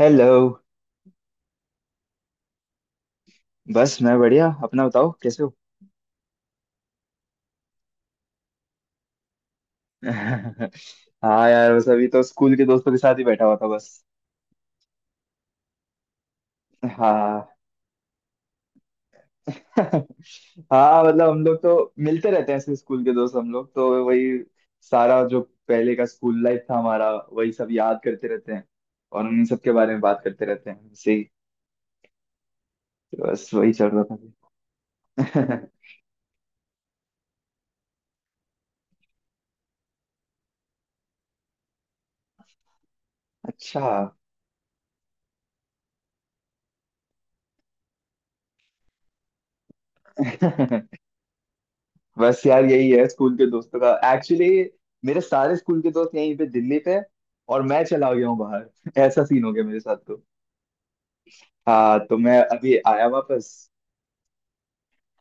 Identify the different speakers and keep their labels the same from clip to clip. Speaker 1: Hello. बस मैं बढ़िया, अपना बताओ कैसे हो। हाँ यार, बस अभी तो स्कूल के दोस्तों के साथ ही बैठा हुआ था बस। हाँ। हाँ मतलब हम लोग तो मिलते रहते हैं ऐसे, स्कूल के दोस्त हम लोग तो वही सारा जो पहले का स्कूल लाइफ था हमारा वही सब याद करते रहते हैं और उन सब के बारे में बात करते रहते हैं ऐसे ही। तो बस वही चल रहा था। अच्छा। बस यार यही है स्कूल के दोस्तों का एक्चुअली। मेरे सारे स्कूल के दोस्त यहीं पे दिल्ली पे और मैं चला गया हूँ बाहर। ऐसा सीन हो गया मेरे साथ तो। हाँ तो मैं अभी आया वापस।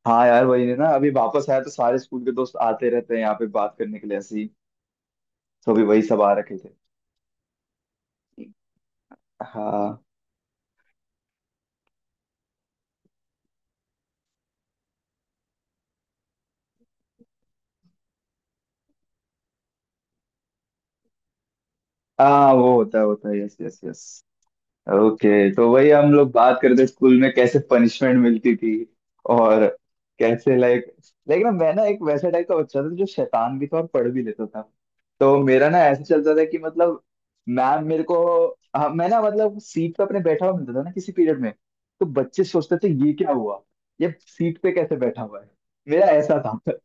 Speaker 1: हाँ यार वही है ना, अभी वापस आया तो सारे स्कूल के दोस्त आते रहते हैं यहाँ पे बात करने के लिए ऐसे ही। तो अभी वही सब आ रखे थे। हाँ हाँ वो होता है होता है, यस यस यस। ओके। तो वही हम लोग बात करते थे स्कूल में कैसे पनिशमेंट मिलती थी और कैसे, लाइक, लेकिन मैं ना एक वैसा टाइप का बच्चा था जो शैतान भी था और पढ़ भी लेता था। तो मेरा ना ऐसे चलता था कि मतलब मैम मेरे को हाँ, मैं ना मतलब सीट पे अपने बैठा हुआ मिलता था ना किसी पीरियड में। तो बच्चे सोचते थे ये क्या हुआ, ये सीट पे कैसे बैठा हुआ है। मेरा ऐसा था।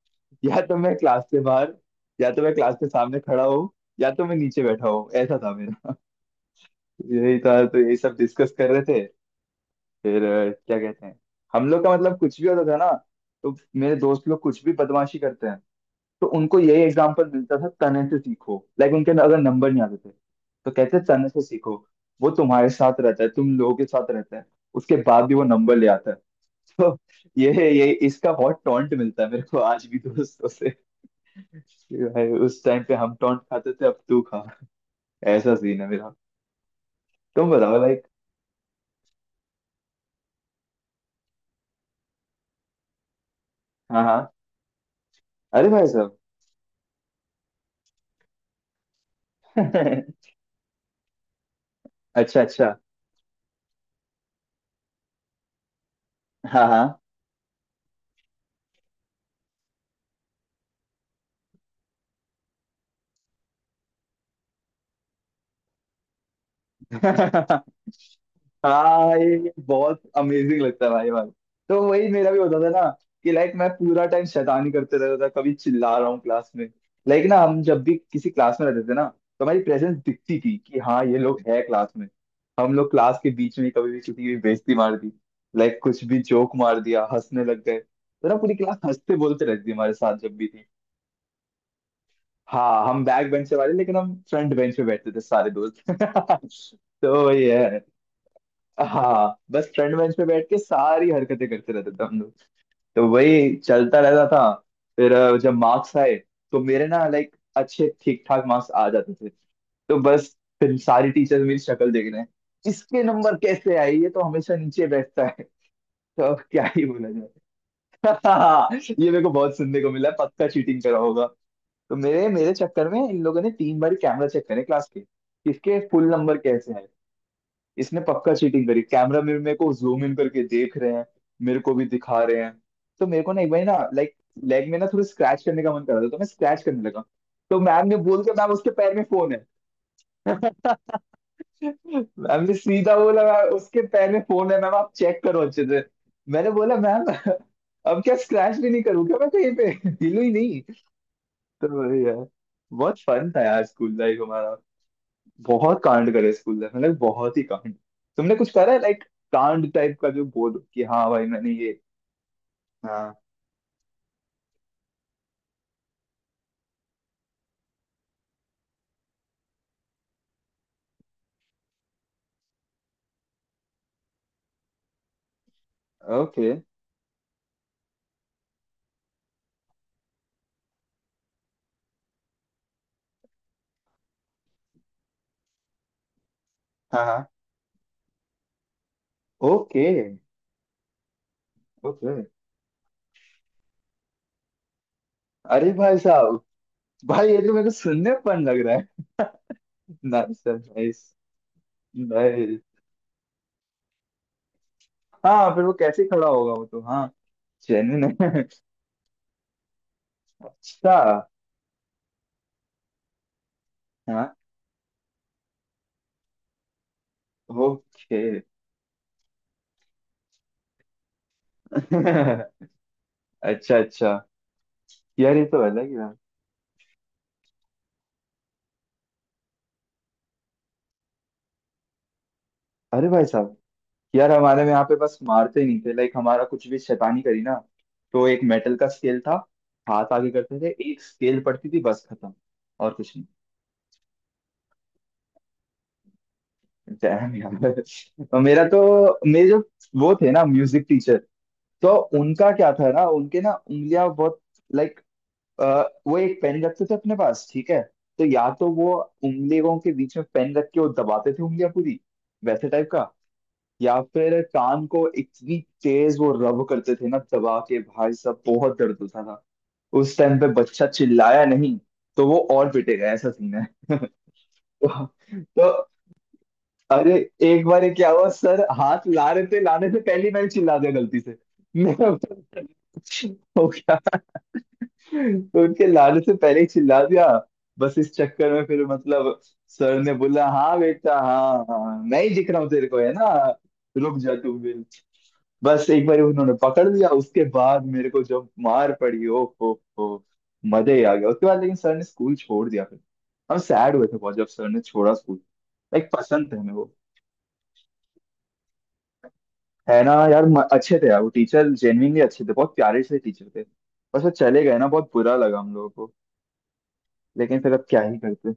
Speaker 1: या तो मैं क्लास से बाहर, या तो मैं क्लास के सामने खड़ा हूँ, या तो मैं नीचे बैठा हूँ, ऐसा था मेरा। यही था तो यही सब डिस्कस कर रहे थे। फिर क्या कहते हैं, हम लोग का मतलब कुछ भी होता था ना। तो मेरे दोस्त लोग कुछ भी बदमाशी करते हैं तो उनको यही एग्जाम्पल मिलता था, तने से सीखो। लाइक उनके अगर नंबर नहीं आते थे तो कहते तने से सीखो, वो तुम्हारे साथ रहता है, तुम लोगों के साथ रहता है, उसके बाद भी वो नंबर ले आता है। तो ये ये इसका बहुत टॉन्ट मिलता है मेरे को आज भी दोस्तों से, कि भाई उस टाइम पे हम टॉन्ट खाते थे अब तू खा। ऐसा सीन है मेरा। तुम बताओ लाइक। हाँ हाँ। अरे भाई साहब। अच्छा अच्छा। हाँ हाँ। हाँ ये बहुत अमेजिंग लगता है भाई भाई। तो वही मेरा भी होता था ना कि लाइक मैं पूरा टाइम शैतानी करते रहता था, कभी चिल्ला रहा हूँ क्लास में। लाइक ना हम जब भी किसी क्लास में रहते थे ना, तो हमारी प्रेजेंस दिखती थी कि हाँ ये लोग है क्लास में। हम लोग क्लास के बीच में कभी भी किसी की भी बेइज्जती मार दी, लाइक कुछ भी जोक मार दिया, हंसने लग गए, तो ना पूरी क्लास हंसते बोलते रहती थी हमारे साथ जब भी थी। हाँ हम बैक बेंच से वाले लेकिन हम फ्रंट बेंच पे बैठते थे सारे दोस्त। तो ये है। हाँ बस फ्रंट बेंच पे बैठ के सारी हरकतें करते रहते थे हम लोग। तो वही चलता रहता था। फिर जब मार्क्स आए तो मेरे ना लाइक अच्छे ठीक ठाक मार्क्स आ जाते थे। तो बस फिर सारी टीचर्स मेरी शक्ल देख रहे हैं, इसके नंबर कैसे आए, ये तो हमेशा नीचे बैठता है। तो अब क्या ही बोला। ये मेरे को बहुत सुनने को मिला है, पक्का चीटिंग करा होगा। तो मेरे मेरे चक्कर में इन लोगों ने 3 बार कैमरा चेक करे क्लास के, किसके फुल नंबर कैसे हैं। इसने पक्का चीटिंग करी, कैमरा में मेरे को जूम इन करके देख रहे हैं, मेरे को भी दिखा रहे हैं। तो मेरे को ना एक बार ना लाइक लेग में ना थोड़ी स्क्रैच करने का मन कर रहा था, तो मैं स्क्रैच करने लगा। तो मैम ने बोल के मैम उसके पैर में फोन है। मैम ने सीधा बोला, मैम उसके पैर में फोन है मैम, आप चेक करो अच्छे से। मैंने बोला मैम अब क्या स्क्रैच भी नहीं करूँ क्या, मैं कहीं पे हिलू ही नहीं। तो वही यार, बहुत फन था यार स्कूल लाइफ हमारा। बहुत कांड करे स्कूल लाइफ, मतलब बहुत ही कांड। तुमने कुछ करा है लाइक कांड टाइप का, जो बोल कि हाँ भाई मैंने ये। हाँ। ओके। हाँ हाँ। ओके। ओके। अरे भाई साहब। भाई ये तो मेरे को सुनने में fun लग रहा है। Nice sir, nice. हाँ फिर वो कैसे खड़ा होगा वो, तो हाँ जेन्युइन है। अच्छा। हाँ ओके। अच्छा अच्छा। यार ये तो अलग ही यार। अरे भाई साहब। यार हमारे में यहाँ पे बस मारते ही नहीं थे, लाइक हमारा कुछ भी शैतानी करी ना, तो एक मेटल का स्केल था, हाथ आगे करते थे, एक स्केल पड़ती थी बस खत्म, और कुछ नहीं। Damn यार। और मेरा तो मेरे जो वो थे ना म्यूजिक टीचर, तो उनका क्या था ना उनके ना उंगलियां बहुत, लाइक अ, वो एक पेन रखते थे अपने पास ठीक है। तो या तो वो उंगलियों के बीच में पेन रख के वो दबाते थे उंगलियां पूरी, वैसे टाइप का। या फिर कान को इतनी तेज वो रब करते थे ना दबा के, भाई साहब बहुत दर्द होता था। उस टाइम पे बच्चा चिल्लाया नहीं तो वो और पिटेगा, ऐसा सीन है। तो, तो अरे एक बार ये क्या हुआ, सर हाथ ला रहे थे, लाने से पहले ही मैंने चिल्ला दिया गलती से। मेरा हो गया। तो उनके लाने से पहले ही चिल्ला दिया। बस इस चक्कर में फिर मतलब सर ने बोला, हाँ बेटा हाँ हाँ मैं ही दिख रहा हूँ तेरे को है ना, रुक जा तू भी। बस एक बार उन्होंने पकड़ लिया, उसके बाद मेरे को जब मार पड़ी ओ हो, मजे ही आ गया। उसके बाद लेकिन सर ने स्कूल छोड़ दिया फिर। हम सैड हुए थे बहुत जब सर ने छोड़ा स्कूल। लाइक पसंद थे हमें वो। है ना यार, अच्छे थे यार वो टीचर, जेन्युइनली अच्छे थे, बहुत प्यारे से टीचर थे। बस वो चले गए ना, बहुत बुरा लगा हम लोगों को। लेकिन फिर अब क्या ही करते।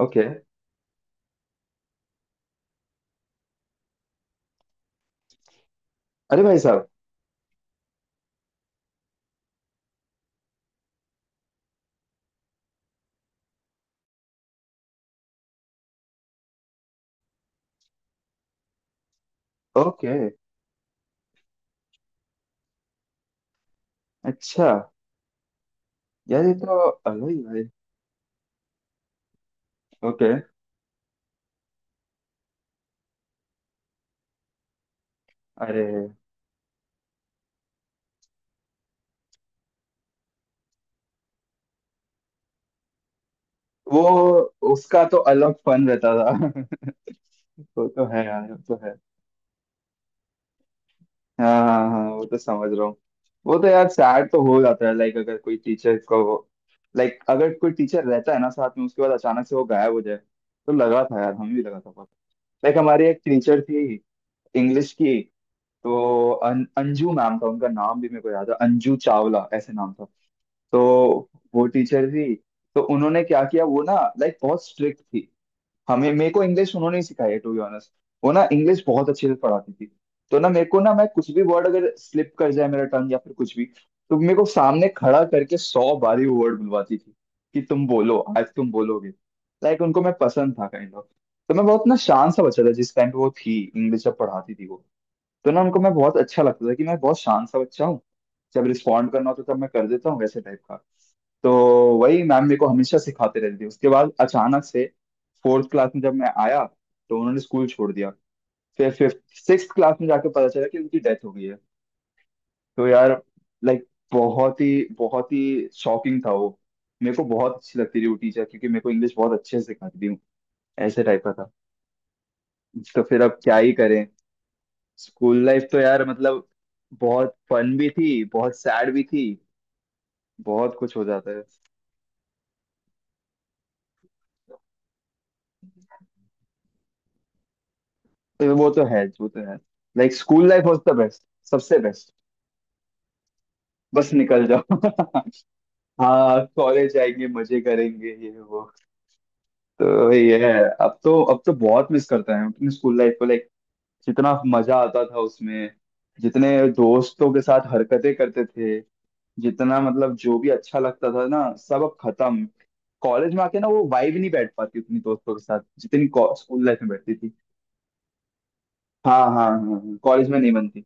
Speaker 1: ओके। अरे भाई साहब। ओके। अच्छा। यार ये तो अलग ही भाई। ओके। अरे वो, उसका तो अलग फन रहता था। वो तो है यार, वो तो है। हाँ हाँ हाँ वो तो समझ रहा हूँ। वो तो यार सैड तो हो जाता है, लाइक अगर कोई टीचर को, लाइक अगर कोई टीचर रहता है ना साथ में, उसके बाद अचानक से वो गायब हो जाए तो लगा था यार, हमें भी लगा था बहुत। लाइक हमारी एक टीचर थी इंग्लिश की। तो अंजू मैम था उनका, नाम भी मेरे को याद है, अंजू चावला ऐसे नाम था। तो वो टीचर थी, तो उन्होंने क्या किया वो ना, लाइक बहुत स्ट्रिक्ट थी। हमें मेरे को इंग्लिश उन्होंने ही सिखाई है टू बी ऑनेस्ट। वो ना इंग्लिश बहुत अच्छे से पढ़ाती थी। तो ना मेरे को ना, मैं कुछ भी वर्ड अगर स्लिप कर जाए मेरा टंग या फिर कुछ भी, तो मेरे को सामने खड़ा करके 100 बारी वो वर्ड बुलवाती थी, कि तुम बोलो आज तुम बोलोगे। लाइक उनको मैं पसंद था काइंड ऑफ। तो मैं बहुत ना शांत सा बच्चा था जिस टाइम पे वो थी, इंग्लिश जब पढ़ाती थी वो। तो ना उनको मैं बहुत अच्छा लगता था कि मैं बहुत शांत सा बच्चा हूँ, जब रिस्पॉन्ड करना होता है तब मैं कर देता हूँ, वैसे टाइप का। तो वही मैम मेरे को हमेशा सिखाते रहती थी, उसके बाद अचानक से फोर्थ क्लास में जब मैं आया, तो उन्होंने स्कूल छोड़ दिया। फिर फिफ्थ सिक्स क्लास में जाके पता चला कि उनकी डेथ हो गई है। तो यार, लाइक बहुत ही बहुत ही शॉकिंग था वो। मेरे को बहुत अच्छी लगती थी वो टीचर, क्योंकि मेरे को इंग्लिश बहुत अच्छे से सिखाती थी, ऐसे टाइप का था। तो फिर अब क्या ही करें। स्कूल लाइफ तो यार मतलब बहुत फन भी थी बहुत सैड भी थी, बहुत कुछ हो जाता है। तो वो तो है वो तो है, like school life was the best, सबसे बेस्ट। बस निकल जाओ। हाँ कॉलेज आएंगे मजे करेंगे ये वो। तो ये है। अब तो बहुत मिस करता है अपने स्कूल लाइफ को, लाइक जितना मजा आता था उसमें, जितने दोस्तों के साथ हरकतें करते थे, जितना मतलब जो भी अच्छा लगता था ना, सब अब खत्म। कॉलेज में आके ना वो वाइब नहीं बैठ पाती उतनी दोस्तों के साथ जितनी स्कूल लाइफ में बैठती थी। हाँ हाँ हाँ कॉलेज में नहीं बनती।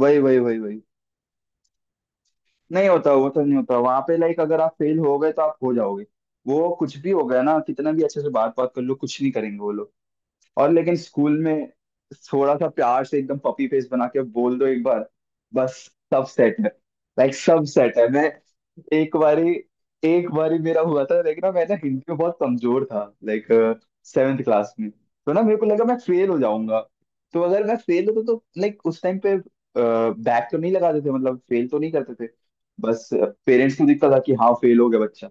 Speaker 1: वही वही वही वही। नहीं होता वो तो नहीं होता वहां पे, लाइक अगर आप फेल हो गए तो आप हो जाओगे। वो कुछ भी हो गया ना, कितना भी अच्छे से बात बात कर लो, कुछ नहीं करेंगे वो लोग। और लेकिन स्कूल में थोड़ा सा प्यार से एकदम पपी फेस बना के बोल दो एक बार, बस सब सेट है। लाइक सब सेट है। मैं एक बारी, एक बारी मेरा हुआ था, लेकिन ना मैं ना हिंदी में बहुत कमजोर था लाइक। सेवेंथ क्लास में तो ना मेरे को लगा मैं फेल हो जाऊंगा। तो अगर मैं फेल होता तो लाइक उस टाइम पे बैक तो नहीं लगाते थे, मतलब फेल तो नहीं करते थे बस, पेरेंट्स को दिखता था कि हाँ फेल हो गया बच्चा।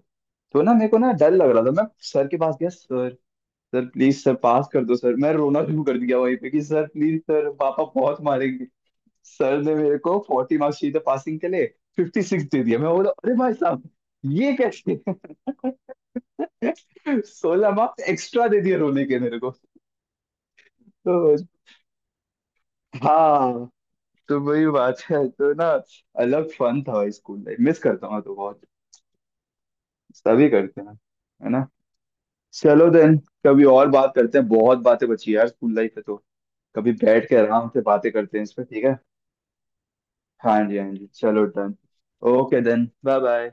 Speaker 1: तो ना मेरे को ना डर लग रहा था। मैं सर के पास गया, sir sir please sir pass कर दो सर, मैं रोना शुरू कर दिया वहीं पे कि सर प्लीज सर पापा बहुत मारेंगे। सर ने, मेरे को 40 मार्क्स चाहिए था पासिंग के लिए, 56 दे दिया। मैं बोला अरे भाई साहब ये कैसे। 16 मार्क्स एक्स्ट्रा दे दिए रोने के मेरे को। तो हाँ, तो वही बात है तो ना, अलग फन था स्कूल लाइफ, मिस करता हूँ तो बहुत। सभी करते हैं, है ना। चलो देन, कभी और बात करते हैं, बहुत बातें बची यार स्कूल लाइफ है तो। कभी बैठ के आराम से बातें करते हैं इस पे, ठीक है। हाँ जी हाँ जी चलो done. Okay then bye bye.